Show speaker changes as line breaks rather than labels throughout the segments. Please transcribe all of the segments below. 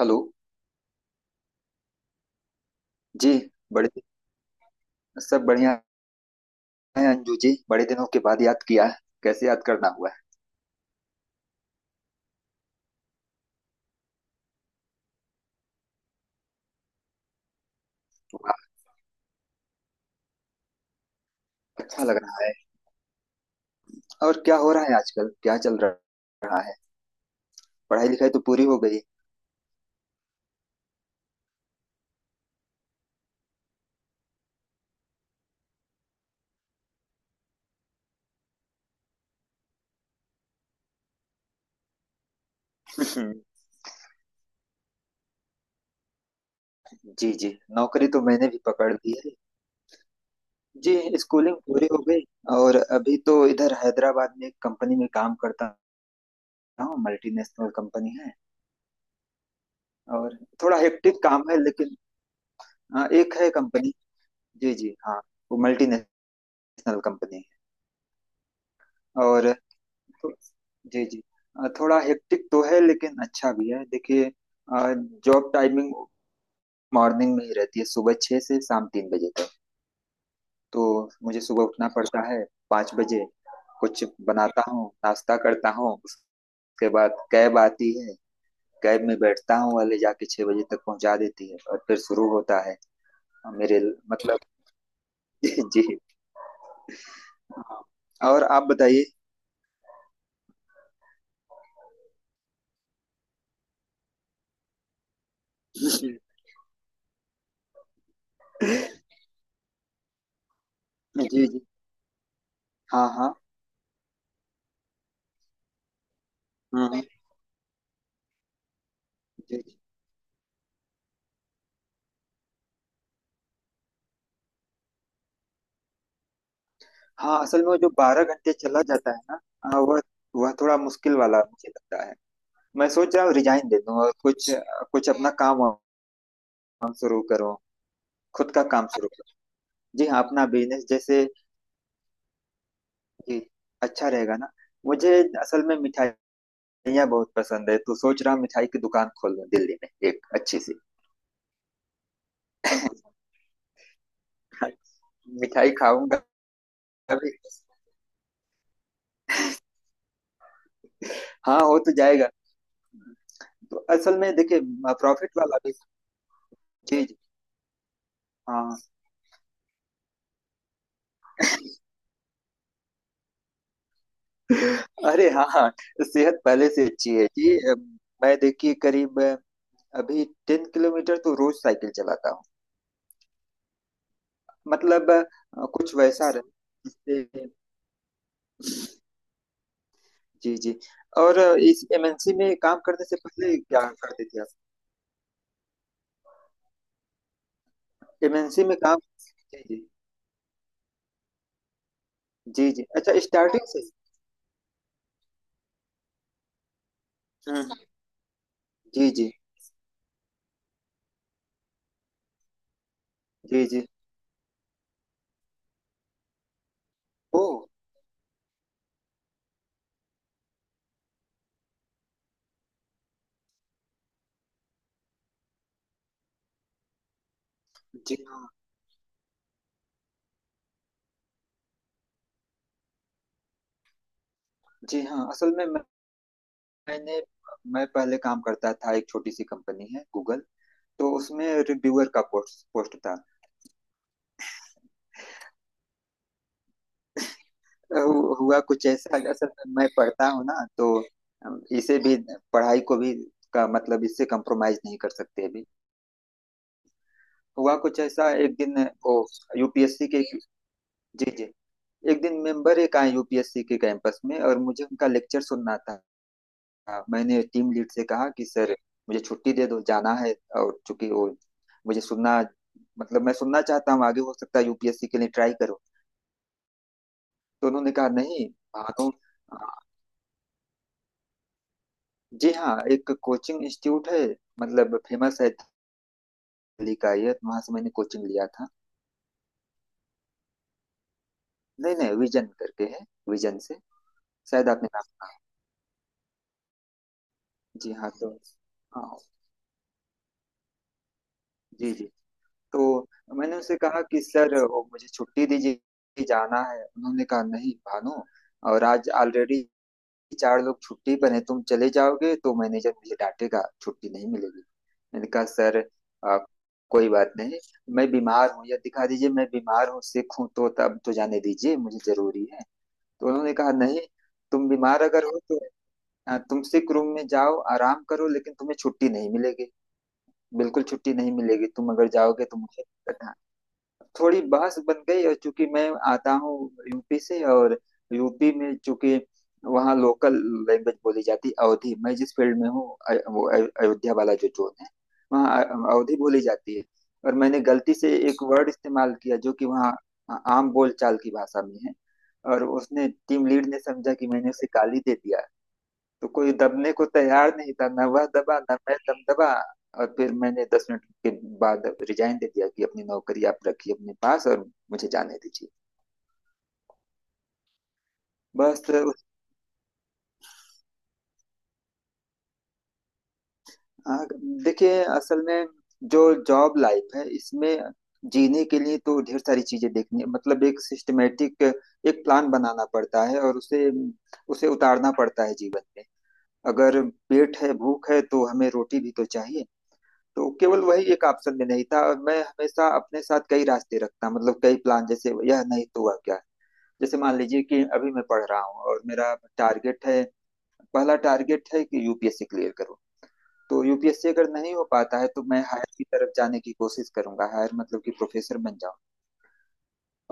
Hello ji. बड़े सब बढ़िया है अंजू जी। बड़े दिनों के बाद याद किया है। कैसे याद करना हुआ है? वाह, अच्छा लग रहा है। और क्या हो रहा है आजकल, क्या चल रहा है? पढ़ाई लिखाई तो पूरी हो गई। हम्म, जी जी। नौकरी तो मैंने भी पकड़ ली है। जी, स्कूलिंग पूरी हो गई और अभी तो इधर हैदराबाद में एक कंपनी में काम करता हूँ। मल्टीनेशनल कंपनी है। और थोड़ा हेक्टिक काम है लेकिन, हाँ, एक है कंपनी। जी जी हाँ, वो मल्टीनेशनल कंपनी है। और तो- जी जी। थोड़ा हेक्टिक तो है लेकिन अच्छा भी है। देखिए जॉब टाइमिंग मॉर्निंग में ही रहती है, सुबह 6 से शाम 3 बजे तक। तो मुझे सुबह उठना पड़ता है 5 बजे। कुछ बनाता हूँ, नाश्ता करता हूँ, उसके बाद कैब आती है। कैब में बैठता हूँ और ले जाके 6 बजे तक पहुँचा देती है, और फिर शुरू होता है मेरे मतलब। जी जी। और आप बताइए? जी जी, हाँ हाँ। हम्म हम्म। जी हाँ, असल में वो जो 12 घंटे चला जाता है ना, हाँ, वह थोड़ा मुश्किल वाला मुझे लगता है। मैं सोच रहा हूँ रिजाइन दे दूँ और कुछ कुछ अपना काम वाम शुरू करूँ खुद का काम शुरू करूँ। जी हाँ, अपना बिजनेस जैसे कि अच्छा रहेगा ना मुझे। असल में मिठाइयाँ बहुत पसंद है, तो सोच रहा हूँ मिठाई की दुकान खोल लूँ दिल्ली में एक अच्छी सी। मिठाई खाऊंगा अभी। हाँ, हो तो जाएगा। तो असल में देखिए, प्रॉफिट वाला भी चीज। हाँ, अरे हाँ हाँ, सेहत पहले से अच्छी है जी। मैं देखिए करीब अभी 10 किलोमीटर तो रोज साइकिल चलाता हूँ। मतलब कुछ वैसा रहे जिससे। जी जी। और इस एमएनसी में काम करने से पहले क्या करते थे आप? एमएनसी में काम जी जी। जी जी अच्छा, स्टार्टिंग से। हम्म। जी जी। जी जी। ओ, जी हाँ। जी हाँ, असल में मैंने मैं पहले काम करता था, एक छोटी सी कंपनी है गूगल, तो उसमें रिव्यूअर का पोस्ट पोस्ट था। हुआ कुछ ऐसा, असल में मैं पढ़ता हूँ ना तो इसे भी, पढ़ाई को भी का मतलब इससे कंप्रोमाइज नहीं कर सकते अभी। हुआ कुछ ऐसा एक दिन, वो यूपीएससी के जी जी। एक दिन मेंबर एक आए यूपीएससी के कैंपस में और मुझे उनका लेक्चर सुनना था। मैंने टीम लीड से कहा कि सर मुझे छुट्टी दे दो, जाना है, और चूंकि वो मुझे सुनना मतलब मैं सुनना चाहता हूँ, आगे हो सकता है यूपीएससी के लिए ट्राई करो। तो उन्होंने कहा नहीं, मानो, जी हाँ, एक कोचिंग इंस्टीट्यूट है, मतलब फेमस है, दिल्ली का, ये तो वहां से मैंने कोचिंग लिया था। नहीं नहीं, विजन करके है, विजन से, शायद आपने नाम सुना हो। जी हाँ, तो, हाँ, जी जी, तो मैंने उनसे कहा कि सर वो मुझे छुट्टी दीजिए, जाना है। उन्होंने कहा नहीं भानु, और आज ऑलरेडी चार लोग छुट्टी पर हैं, तुम चले जाओगे तो मैनेजर मुझे डांटेगा, छुट्टी नहीं मिलेगी। मैंने कहा सर आ, कोई बात नहीं, मैं बीमार हूँ, या दिखा दीजिए मैं बीमार हूँ, सिक हूँ, तो तब तो जाने दीजिए, मुझे जरूरी है। तो उन्होंने कहा नहीं, तुम बीमार अगर हो तो तुम सिक रूम में जाओ, आराम करो, लेकिन तुम्हें छुट्टी नहीं मिलेगी। बिल्कुल छुट्टी नहीं मिलेगी, तुम अगर जाओगे तो मुझे। थोड़ी बहस बन गई, और चूंकि मैं आता हूँ यूपी से, और यूपी में चूंकि वहाँ लोकल लैंग्वेज बोली जाती है अवधी। मैं जिस फील्ड में हूँ वो अयोध्या वाला जो जोन है, वहाँ अवधी बोली जाती है। और मैंने गलती से एक वर्ड इस्तेमाल किया जो कि वहाँ आम बोलचाल की भाषा में है, और उसने, टीम लीड ने, समझा कि मैंने उसे गाली दे दिया। तो कोई दबने को तैयार नहीं था ना, वह दबा ना मैं दम दबा, और फिर मैंने 10 मिनट के बाद रिजाइन दे दिया कि अपनी नौकरी आप रखिए अपने पास और मुझे जाने दीजिए। बस, आ, देखिए, असल में जो जॉब लाइफ है, इसमें जीने के लिए तो ढेर सारी चीजें देखनी, मतलब एक सिस्टमेटिक एक प्लान बनाना पड़ता है और उसे उसे उतारना पड़ता है जीवन में। अगर पेट है, भूख है, तो हमें रोटी भी तो चाहिए। तो केवल वही एक ऑप्शन में नहीं था, और मैं हमेशा अपने साथ कई रास्ते रखता, मतलब कई प्लान, जैसे यह नहीं तो हुआ क्या। जैसे मान लीजिए कि अभी मैं पढ़ रहा हूँ, और मेरा टारगेट है, पहला टारगेट है कि यूपीएससी क्लियर करूँ। तो यूपीएससी अगर नहीं हो पाता है तो मैं हायर की तरफ जाने की कोशिश करूंगा, हायर मतलब कि प्रोफेसर बन जाऊँ।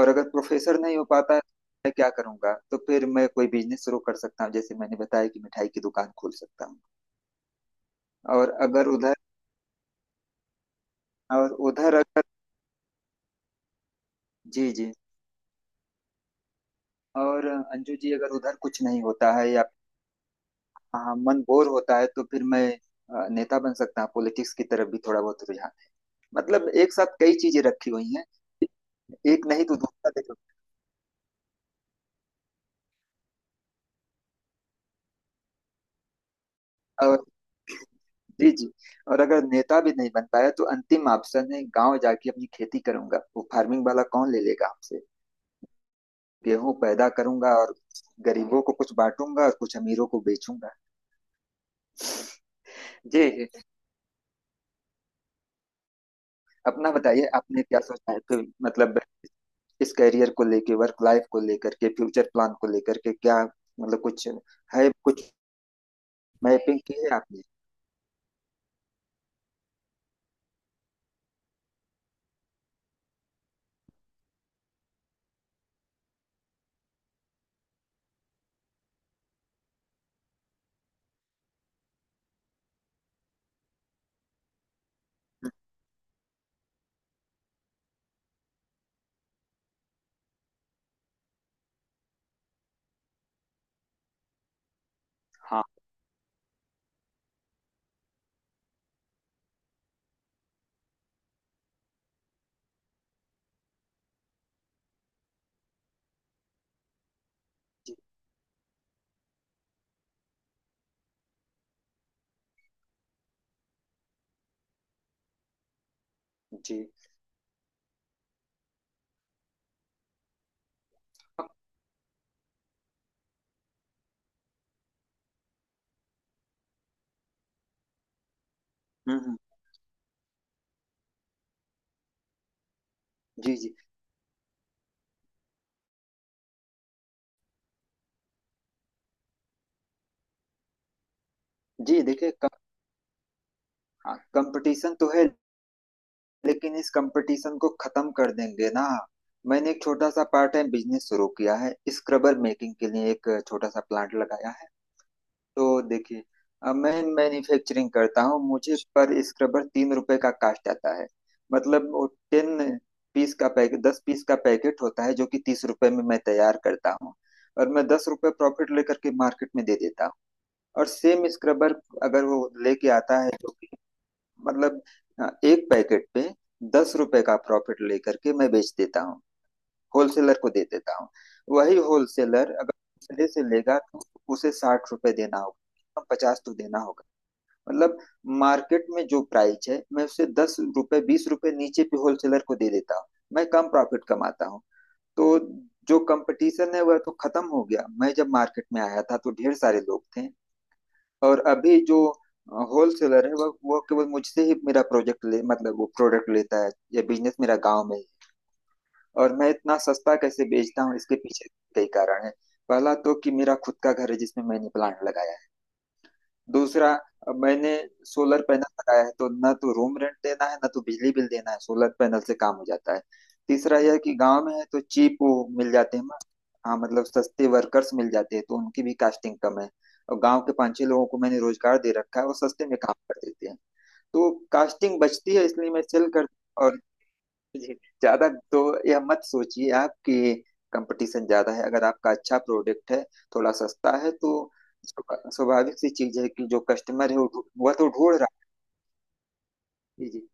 और अगर प्रोफेसर नहीं हो पाता है, मैं क्या करूंगा, तो फिर मैं कोई बिजनेस शुरू कर सकता हूँ, जैसे मैंने बताया कि मिठाई की दुकान खोल सकता हूँ। और अगर उधर और उधर अगर जी जी, और अंजू जी, अगर उधर कुछ नहीं होता है, या हाँ, मन बोर होता है, तो फिर मैं नेता बन सकता हूँ। पॉलिटिक्स की तरफ भी थोड़ा बहुत रुझान है। मतलब एक साथ कई चीजें रखी हुई हैं, एक नहीं तो दूसरा देखो। और जी जी, और अगर नेता भी नहीं बन पाया तो अंतिम ऑप्शन है गांव जाके अपनी खेती करूंगा। वो फार्मिंग वाला कौन ले लेगा हमसे? गेहूं पैदा करूंगा और गरीबों को कुछ बांटूंगा और कुछ अमीरों को बेचूंगा। जी जी, अपना बताइए आपने क्या सोचा है तो? मतलब इस करियर को लेके, वर्क लाइफ को लेकर के, फ्यूचर प्लान को लेकर के, क्या मतलब कुछ है? कुछ मैपिंग की है आपने? हाँ जी जी। हम्म हम्म, जी जी। जी देखिए, कंपटीशन तो है लेकिन इस कंपटीशन को खत्म कर देंगे ना। मैंने एक छोटा सा पार्ट टाइम बिजनेस शुरू किया है, स्क्रबर मेकिंग के लिए एक छोटा सा प्लांट लगाया है। तो देखिए, अब मैं मैन्युफैक्चरिंग करता हूँ, मुझे पर स्क्रबर 3 रुपए का कास्ट आता है। मतलब वो 10 पीस का पैकेट, 10 पीस का पैकेट होता है, जो कि 30 रुपए में मैं तैयार करता हूँ। और मैं 10 रुपए प्रॉफिट लेकर के मार्केट में दे देता हूँ। और सेम स्क्रबर अगर वो लेके आता है, जो कि मतलब एक पैकेट पे 10 रुपए का प्रॉफिट लेकर के मैं बेच देता हूँ, होलसेलर को दे देता हूँ। वही होलसेलर अगर दूसरे से लेगा तो उसे 60 रुपए देना होगा, 50 तो देना होगा। मतलब मार्केट में जो प्राइस है, मैं उसे 10 रुपए 20 रुपए नीचे भी होलसेलर को दे देता हूँ, मैं कम प्रॉफिट कमाता हूँ। तो जो कंपटीशन है वह तो खत्म हो गया। मैं जब मार्केट में आया था तो ढेर सारे लोग थे। और अभी जो होलसेलर है वह केवल मुझसे ही मेरा प्रोजेक्ट ले, मतलब वो प्रोडक्ट लेता है या बिजनेस मेरा गांव में। और मैं इतना सस्ता कैसे बेचता हूँ, इसके पीछे कई कारण है। पहला तो कि मेरा खुद का घर है जिसमें मैंने प्लांट लगाया है। दूसरा, अब मैंने सोलर पैनल लगाया है, तो न तो रूम रेंट देना है, न तो बिजली बिल देना है, सोलर पैनल से काम हो जाता है। तीसरा यह कि गांव में है तो चीप वो मिल जाते हैं, हाँ, मतलब सस्ते वर्कर्स मिल जाते हैं, तो उनकी भी कास्टिंग कम है। और गांव के 5-6 लोगों को मैंने रोजगार दे रखा है, वो सस्ते में काम कर देते हैं। तो कास्टिंग बचती है, इसलिए मैं सेल कर, और जी, ज्यादा तो यह मत सोचिए आप कि कंपटीशन ज्यादा है। अगर आपका अच्छा प्रोडक्ट है, थोड़ा सस्ता है, तो स्वाभाविक सी चीज है कि जो कस्टमर है वो वह तो ढूंढ रहा है। जी जी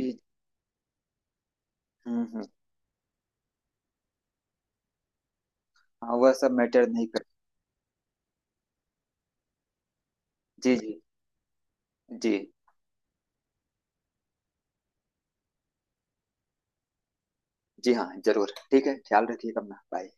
जी, हम्म। हाँ, वह सब मैटर नहीं कर। जी जी जी जी, हाँ जरूर, ठीक है, ख्याल रखिएगा अपना, बाय।